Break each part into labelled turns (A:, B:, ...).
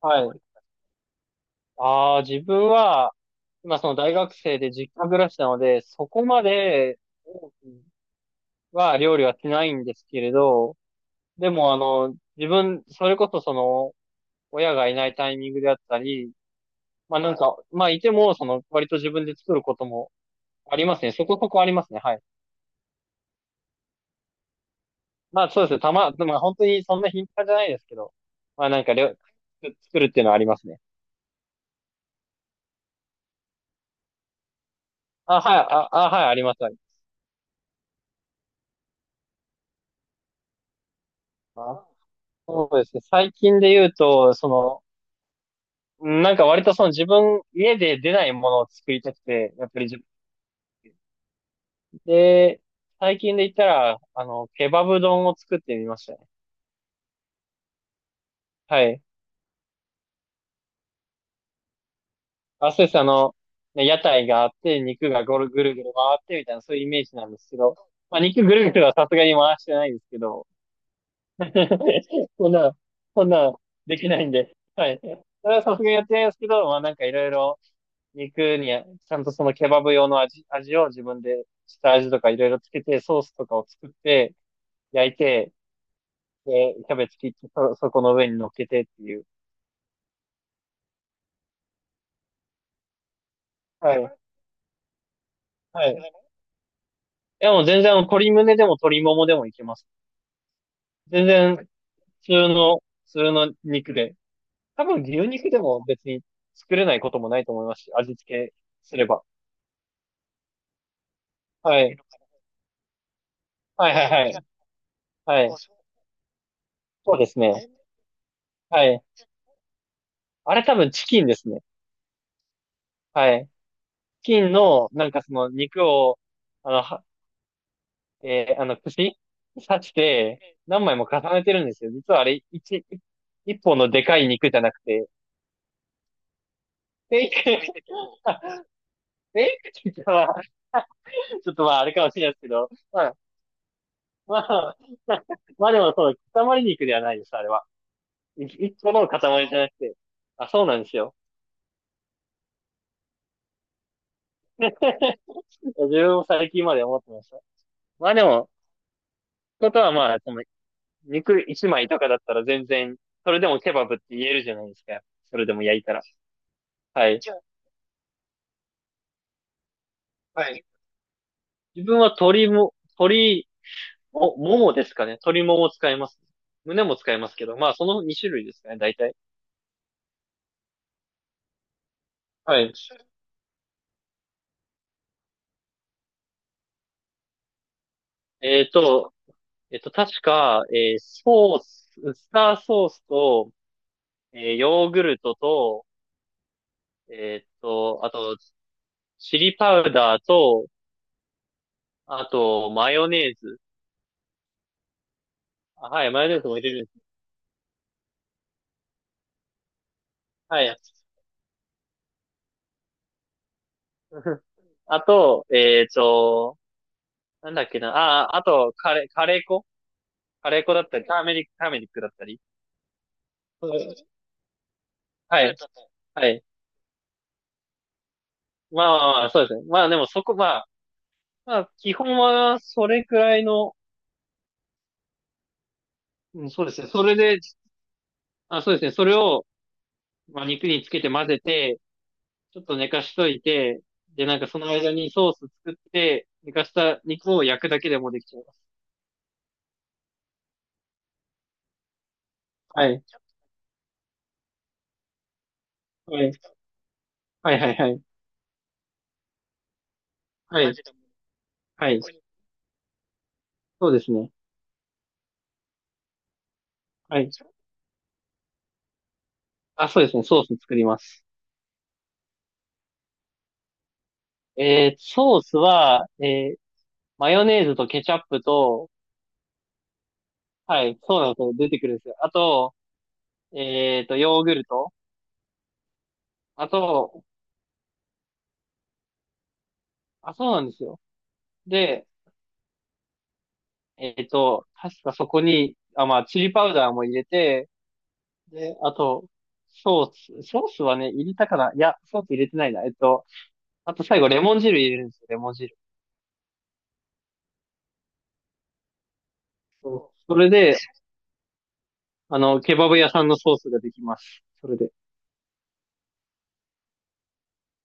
A: はい。ああ、自分は、今その大学生で実家暮らしなので、そこまで多くは料理はしないんですけれど、でも自分、それこそ親がいないタイミングであったり、まあいても、割と自分で作ることもありますね。そこそこありますね。はい。まあそうですね。まあ本当にそんな頻繁じゃないですけど、まあなんか料、作るっていうのはありますね。はい、あります。あ、そうですね。最近で言うと、なんか割と自分、家で出ないものを作りたくて、やっぱり自分で、最近で言ったら、ケバブ丼を作ってみましたね。はい。あ、そうです。屋台があって、肉がぐるぐる回ってみたいな、そういうイメージなんですけど、まあ肉ぐるぐるはさすがに回してないんですけど、そんな、そんな、できないんで。はい。それはさすがにやってないですけど、まあなんかいろいろ肉に、ちゃんとそのケバブ用の味を自分で、下味とかいろいろつけて、ソースとかを作って、焼いて、で、キャベツ切って、そこの上に乗っけてっていう。はい。はい。いや、もう全然、鶏胸でも鶏ももでもいけます。全然、通の、普通の肉で。多分、牛肉でも別に作れないこともないと思いますし、味付けすれば。はい。はいはいはい。はい。そうですね。はい。あれ多分チキンですね。はい。チキンの、なんかその肉を、あの、はえー串刺して、何枚も重ねてるんですよ。実はあれ、一本のでかい肉じゃなくて、フェイク、フェイクって言ったらちょっとまあ、あれかもしれないですけど、まあ、まあでもそう、塊肉ではないです、あれは。一個の塊じゃなくて。あ、そうなんですよ。自分も最近まで思ってました。まあでも、ことはまあ、その肉一枚とかだったら全然、それでもケバブって言えるじゃないですか。それでも焼いたら。はい。自分は鶏も、鶏も、ももですかね。鶏もも使います。胸も使いますけど、まあ、その2種類ですかね、大体。はい。えっと、確か、ソース、ウスターソースと、ヨーグルトと、あと、チリパウダーと、あと、マヨネーズ。あ、はい、マヨネーズも入れるんです。はい。あと、えっと、なんだっけな。ああ、あと、カレー粉カレー粉だったり、ターメリックだったり。はい。はい。そうですね。まあでもそこ、まあ、まあ基本はそれくらいの、うんそうですね。それで、あ、そうですね。それを、まあ、肉につけて混ぜて、ちょっと寝かしといて、で、なんかその間にソース作って、寝かした肉を焼くだけでもできちゃいます。はい。はい。はいはいはい。はい。はい。そうですね。はい。あ、そうですね。ソース作ります。ソースは、マヨネーズとケチャップと、はい、そうなんですよ。出てくるんですよ。あと、ヨーグルト。あと、あ、そうなんですよ。で、確かそこに、あ、まあ、チリパウダーも入れて、で、あと、ソーソースはね、入れたかな。いや、ソース入れてないな。あと最後、レモン汁入れるんですよ、レモン汁。そうそれで、ケバブ屋さんのソースができます。それで。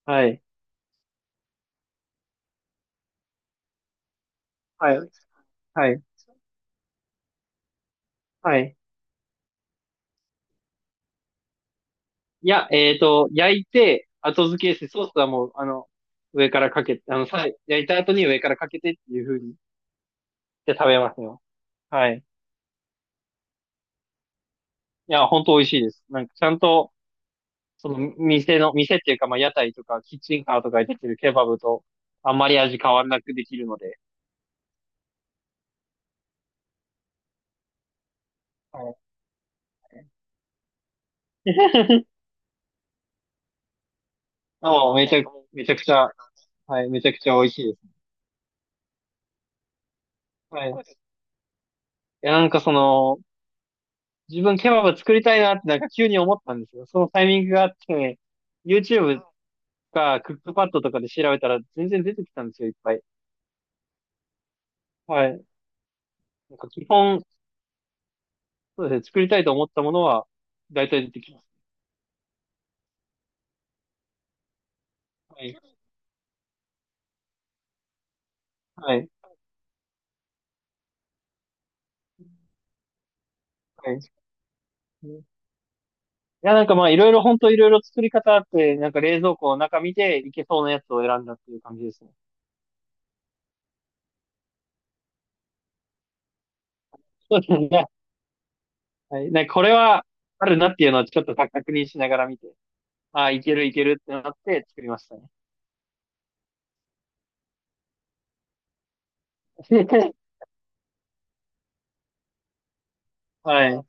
A: はい。はい。はい。はい。いや、焼いて、後付けして、ソースはもう、上からかけて、焼いた後に上からかけてっていう風に、で食べますよ。はい。いや、ほんと美味しいです。なんかちゃんと、店っていうか、まあ屋台とかキッチンカーとかで出てるケバブとあんまり味変わらなくできるので。はい。ああめちゃく、めちゃくちゃ、はい、めちゃくちゃ美味しいです。はい。いや、なんかその、自分ケバブ作りたいなってなんか急に思ったんですよ。そのタイミングがあって、YouTube とかクックパッドとかで調べたら全然出てきたんですよ、いっぱい。はい。なんか基本、そうですね、作りたいと思ったものは、大体出てきます。はい。はい。はい。いや、なんかまあ、いろいろ、本当いろいろ作り方あって、なんか冷蔵庫の中見て、いけそうなやつを選んだっていう感じですね。そうですね。はい。なんかこれは、あるなっていうのはちょっと確認しながら見て、ああ、いけるいけるってなって作りましたね。はい。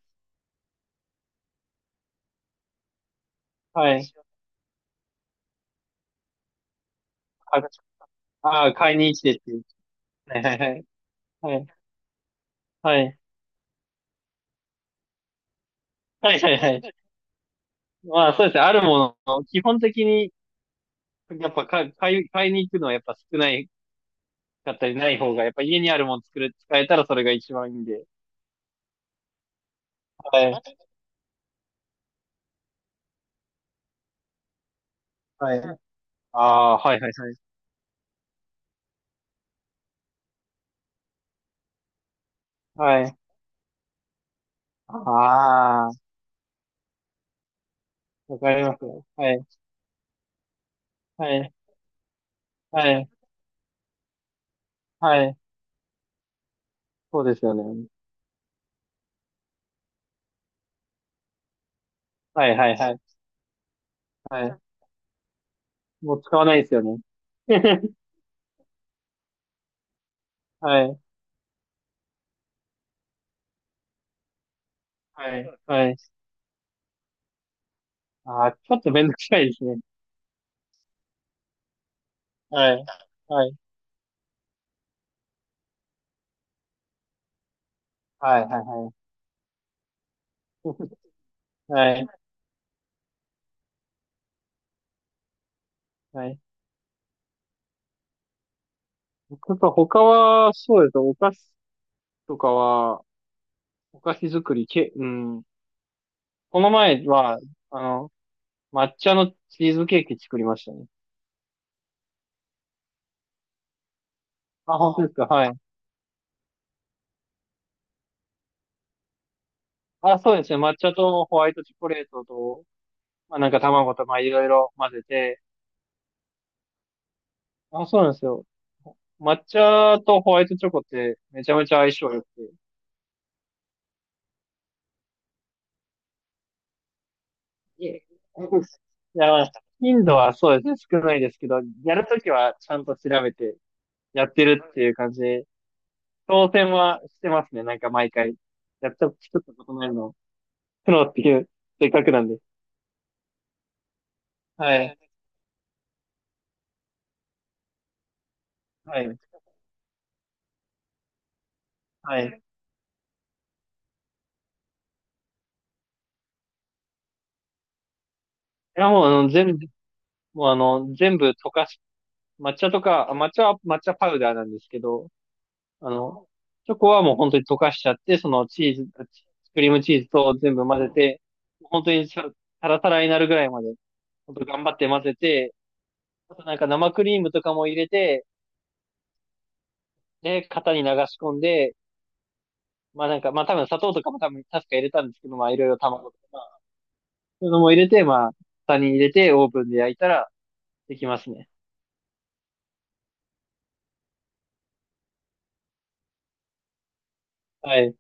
A: はい。ああ、買いに来てっていう。はいはいはい。はい。はい。はいはいはいはいまあそうですね。あるもの、基本的に、やっぱ買いに行くのはやっぱ少ないかったりない方が、やっぱ家にあるもの使えたらそれが一番いいんで。はい。はい。ああー、はいはいはい。はい。ああ、わかりますよ。はい、はい、はい、はい。そうですよね。はいはいはい。はい。もう使わないですよね。はい、はい、はい。ああ、ちょっとめんどくさいですね。はい、はい、はい、はい、はい。はい、はい。僕は他は、そうですね。お菓子とかは、お菓子作りけ、うん。この前は、あの、抹茶のチーズケーキ作りましたね。あ、本当ですか。はい。あ、そうですね。抹茶とホワイトチョコレートと、まあなんか卵とまあいろいろ混ぜて。あ、そうなんですよ。抹茶とホワイトチョコってめちゃめちゃ相性良くて。いや、まあ頻度はそうですね。少ないですけど、やるときはちゃんと調べてやってるっていう感じで、当選はしてますね。なんか毎回。やった、作ったことないの。プロっていう、せっかくなんで。はい。はい。はい。いや、もうあの、もうあの、全部溶かし抹茶とか、抹茶は抹茶パウダーなんですけど、あの、チョコはもう本当に溶かしちゃって、そのチーズ、あチクリームチーズと全部混ぜて、本当にさタラタラになるぐらいまで、本当頑張って混ぜて、あとなんか生クリームとかも入れて、で、型に流し込んで、まあなんか、まあ多分砂糖とかも多分確か入れたんですけど、まあいろいろ卵とか、そういうのも入れて、まあ、型に入れてオーブンで焼いたらできますね。はい。